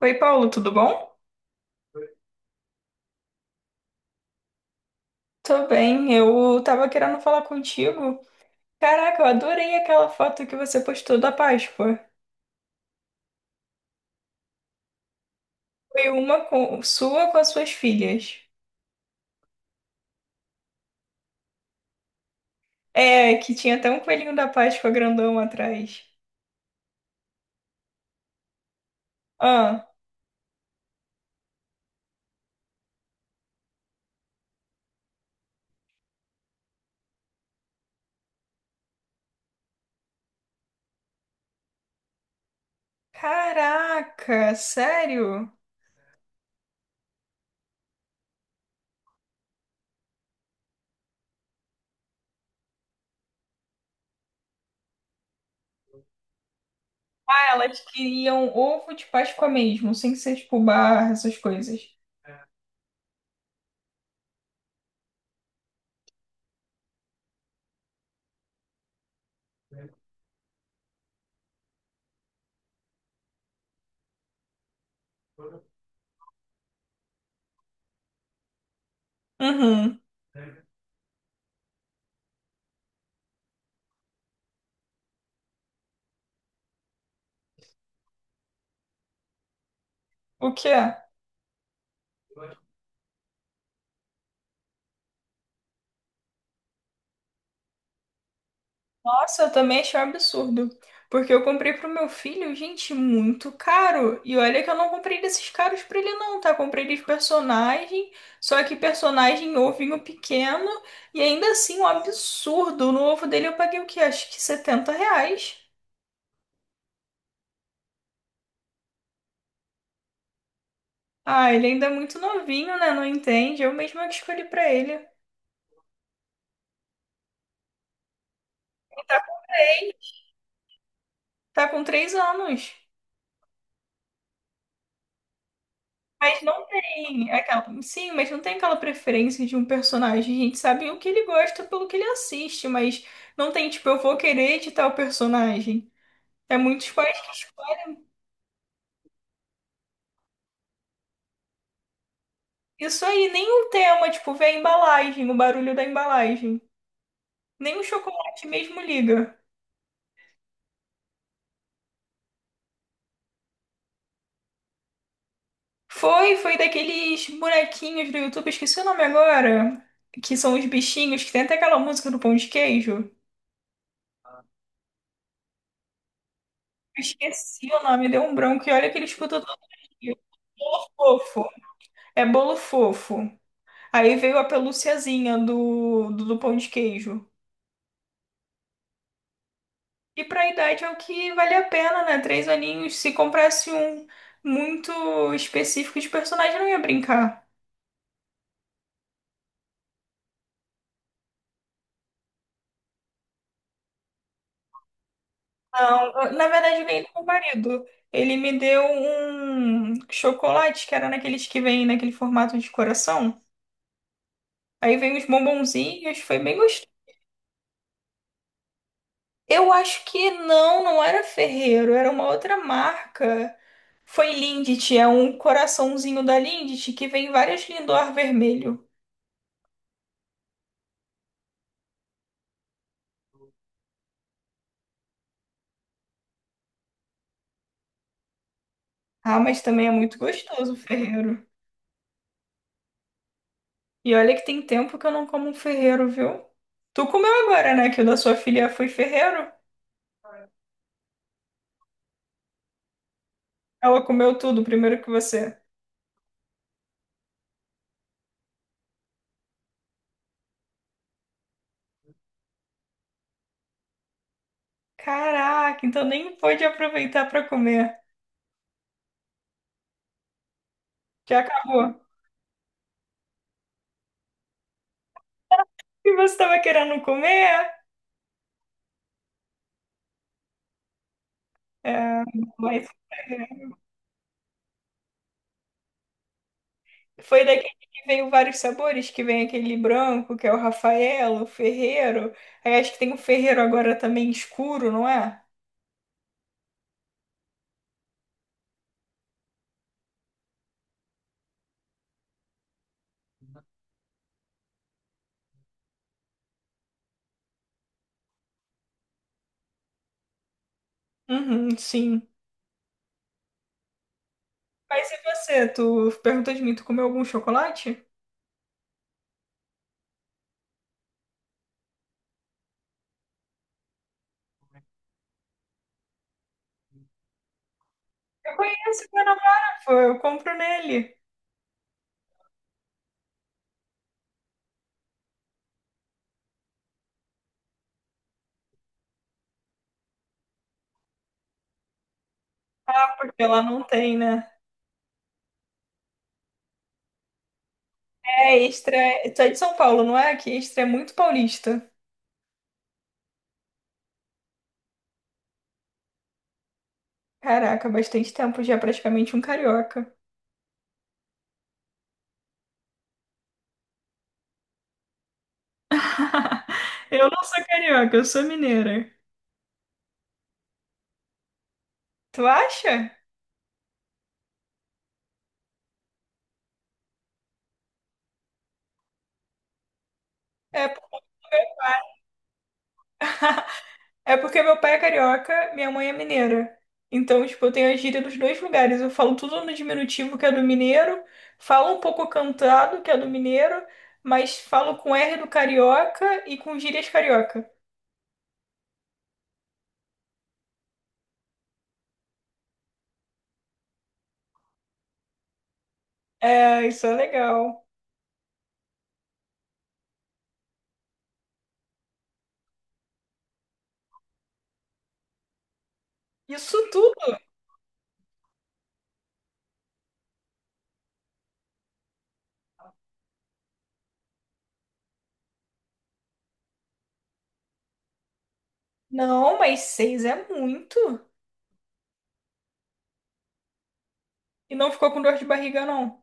Oi, Paulo, tudo bom? Tô bem, eu tava querendo falar contigo. Caraca, eu adorei aquela foto que você postou da Páscoa. Foi sua com as suas filhas. É, que tinha até um coelhinho da Páscoa grandão atrás. Ah, caraca, sério? Ah, elas queriam ovo de Páscoa mesmo, sem ser tipo barra, essas coisas. Uhum. O que é? Nossa, eu também achei um absurdo. Porque eu comprei pro meu filho, gente, muito caro. E olha que eu não comprei desses caros pra ele, não, tá? Comprei de personagem, só que personagem ovinho pequeno. E ainda assim, um absurdo. No ovo dele eu paguei o quê? Acho que 70 reais. Ah, ele ainda é muito novinho, né? Não entende. Eu mesma que escolhi pra ele. Tá com 3 anos. Mas não tem aquela. Sim, mas não tem aquela preferência de um personagem. A gente sabe o que ele gosta pelo que ele assiste, mas não tem, tipo, eu vou querer de tal personagem. É muitos pais que escolhem. Isso aí, nem o tema, tipo, vê a embalagem, o barulho da embalagem. Nem o chocolate mesmo liga. Foi daqueles bonequinhos do YouTube, esqueci o nome agora, que são os bichinhos, que tem até aquela música do pão de queijo. Esqueci o nome, deu um branco, e olha que ele escuta todo dia. Fofo. É bolo fofo. Aí veio a pelúciazinha do pão de queijo. E pra idade é o que vale a pena, né? 3 aninhos. Se comprasse um muito específico de personagem, eu não ia brincar. Não, na verdade, eu ganhei do meu marido. Ele me deu um chocolate, que era naqueles que vem naquele formato de coração. Aí veio uns bombonzinhos, foi bem. Eu acho que não, não era Ferreiro, era uma outra marca. Foi Lindt, é um coraçãozinho da Lindt que vem várias Lindor vermelho. Ah, mas também é muito gostoso o Ferreiro. E olha que tem tempo que eu não como um Ferreiro, viu? Tu comeu agora, né? Que o da sua filha foi Ferreiro? Ela comeu tudo primeiro que você. Caraca, então nem pôde aproveitar pra comer. Já acabou. E você tava querendo comer? É, mas. Foi daquele que veio vários sabores, que vem aquele branco, que é o Rafaelo, o Ferreiro. Aí acho que tem o Ferreiro agora também escuro, não é? Uhum, sim. Mas e você? Tu perguntou de mim, tu comeu algum chocolate? Eu conheço meu namorado, pô, eu compro nele. Porque lá não tem, né? É, Extra. Tu é de São Paulo, não é? Que Extra é muito paulista. Caraca, bastante tempo já, praticamente um carioca. Eu não sou carioca, eu sou mineira. Tu acha? É. Porque meu pai é carioca, minha mãe é mineira. Então, tipo, eu tenho a gíria dos dois lugares. Eu falo tudo no diminutivo, que é do mineiro, falo um pouco cantado, que é do mineiro, mas falo com R do carioca e com gírias carioca. É, isso é legal. Isso tudo? Não, mas seis é muito. E não ficou com dor de barriga, não.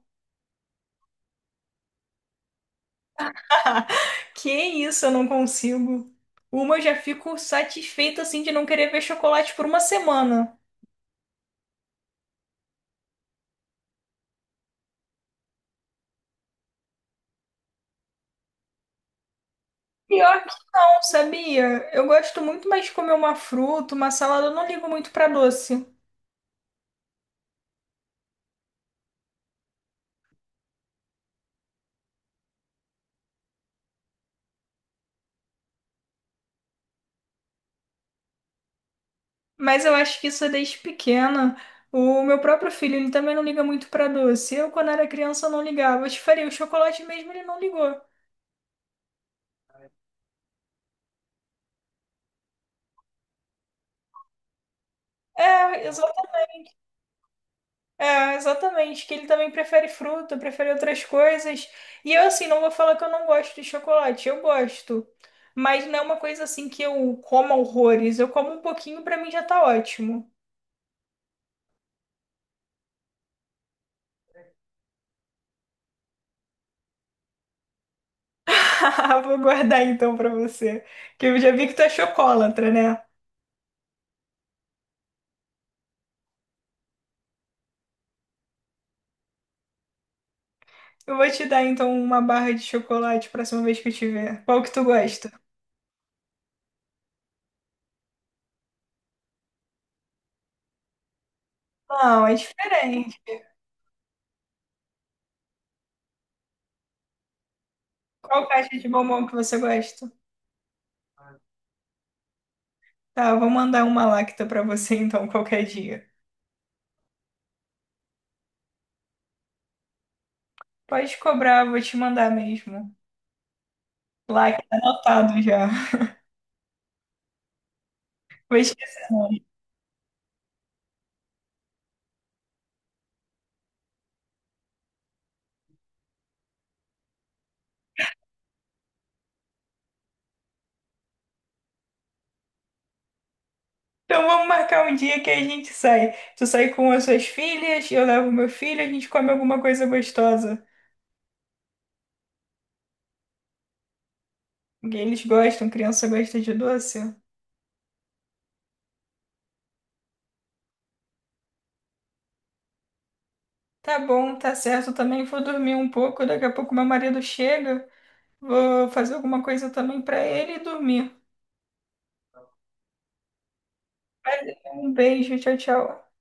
Que isso, eu não consigo. Uma eu já fico satisfeita, assim, de não querer ver chocolate por uma semana. Pior. Não sabia? Eu gosto muito mais de comer uma fruta, uma salada. Eu não ligo muito pra doce. Mas eu acho que isso é desde pequena. O meu próprio filho, ele também não liga muito pra doce. Eu, quando era criança, não ligava. Eu te faria o chocolate mesmo, ele não ligou. É, exata- É, exatamente. Que ele também prefere fruta, prefere outras coisas. E eu, assim, não vou falar que eu não gosto de chocolate. Eu gosto. Mas não é uma coisa assim que eu como horrores. Eu como um pouquinho, pra mim já tá ótimo. Vou guardar então pra você, que eu já vi que tu é chocolatra, né? Eu vou te dar então uma barra de chocolate próxima vez que eu te ver. Qual que tu gosta? Não, é diferente. Qual caixa de bombom que você gosta? Tá, eu vou mandar uma lacta pra você então qualquer dia. Pode cobrar, vou te mandar mesmo. Lacta anotado já. Mas, então vamos marcar um dia que a gente sai. Tu sai com as suas filhas, eu levo meu filho, a gente come alguma coisa gostosa. Porque eles gostam, criança gosta de doce. Tá bom, tá certo. Também vou dormir um pouco. Daqui a pouco meu marido chega. Vou fazer alguma coisa também pra ele e dormir. Um beijo, tchau, tchau.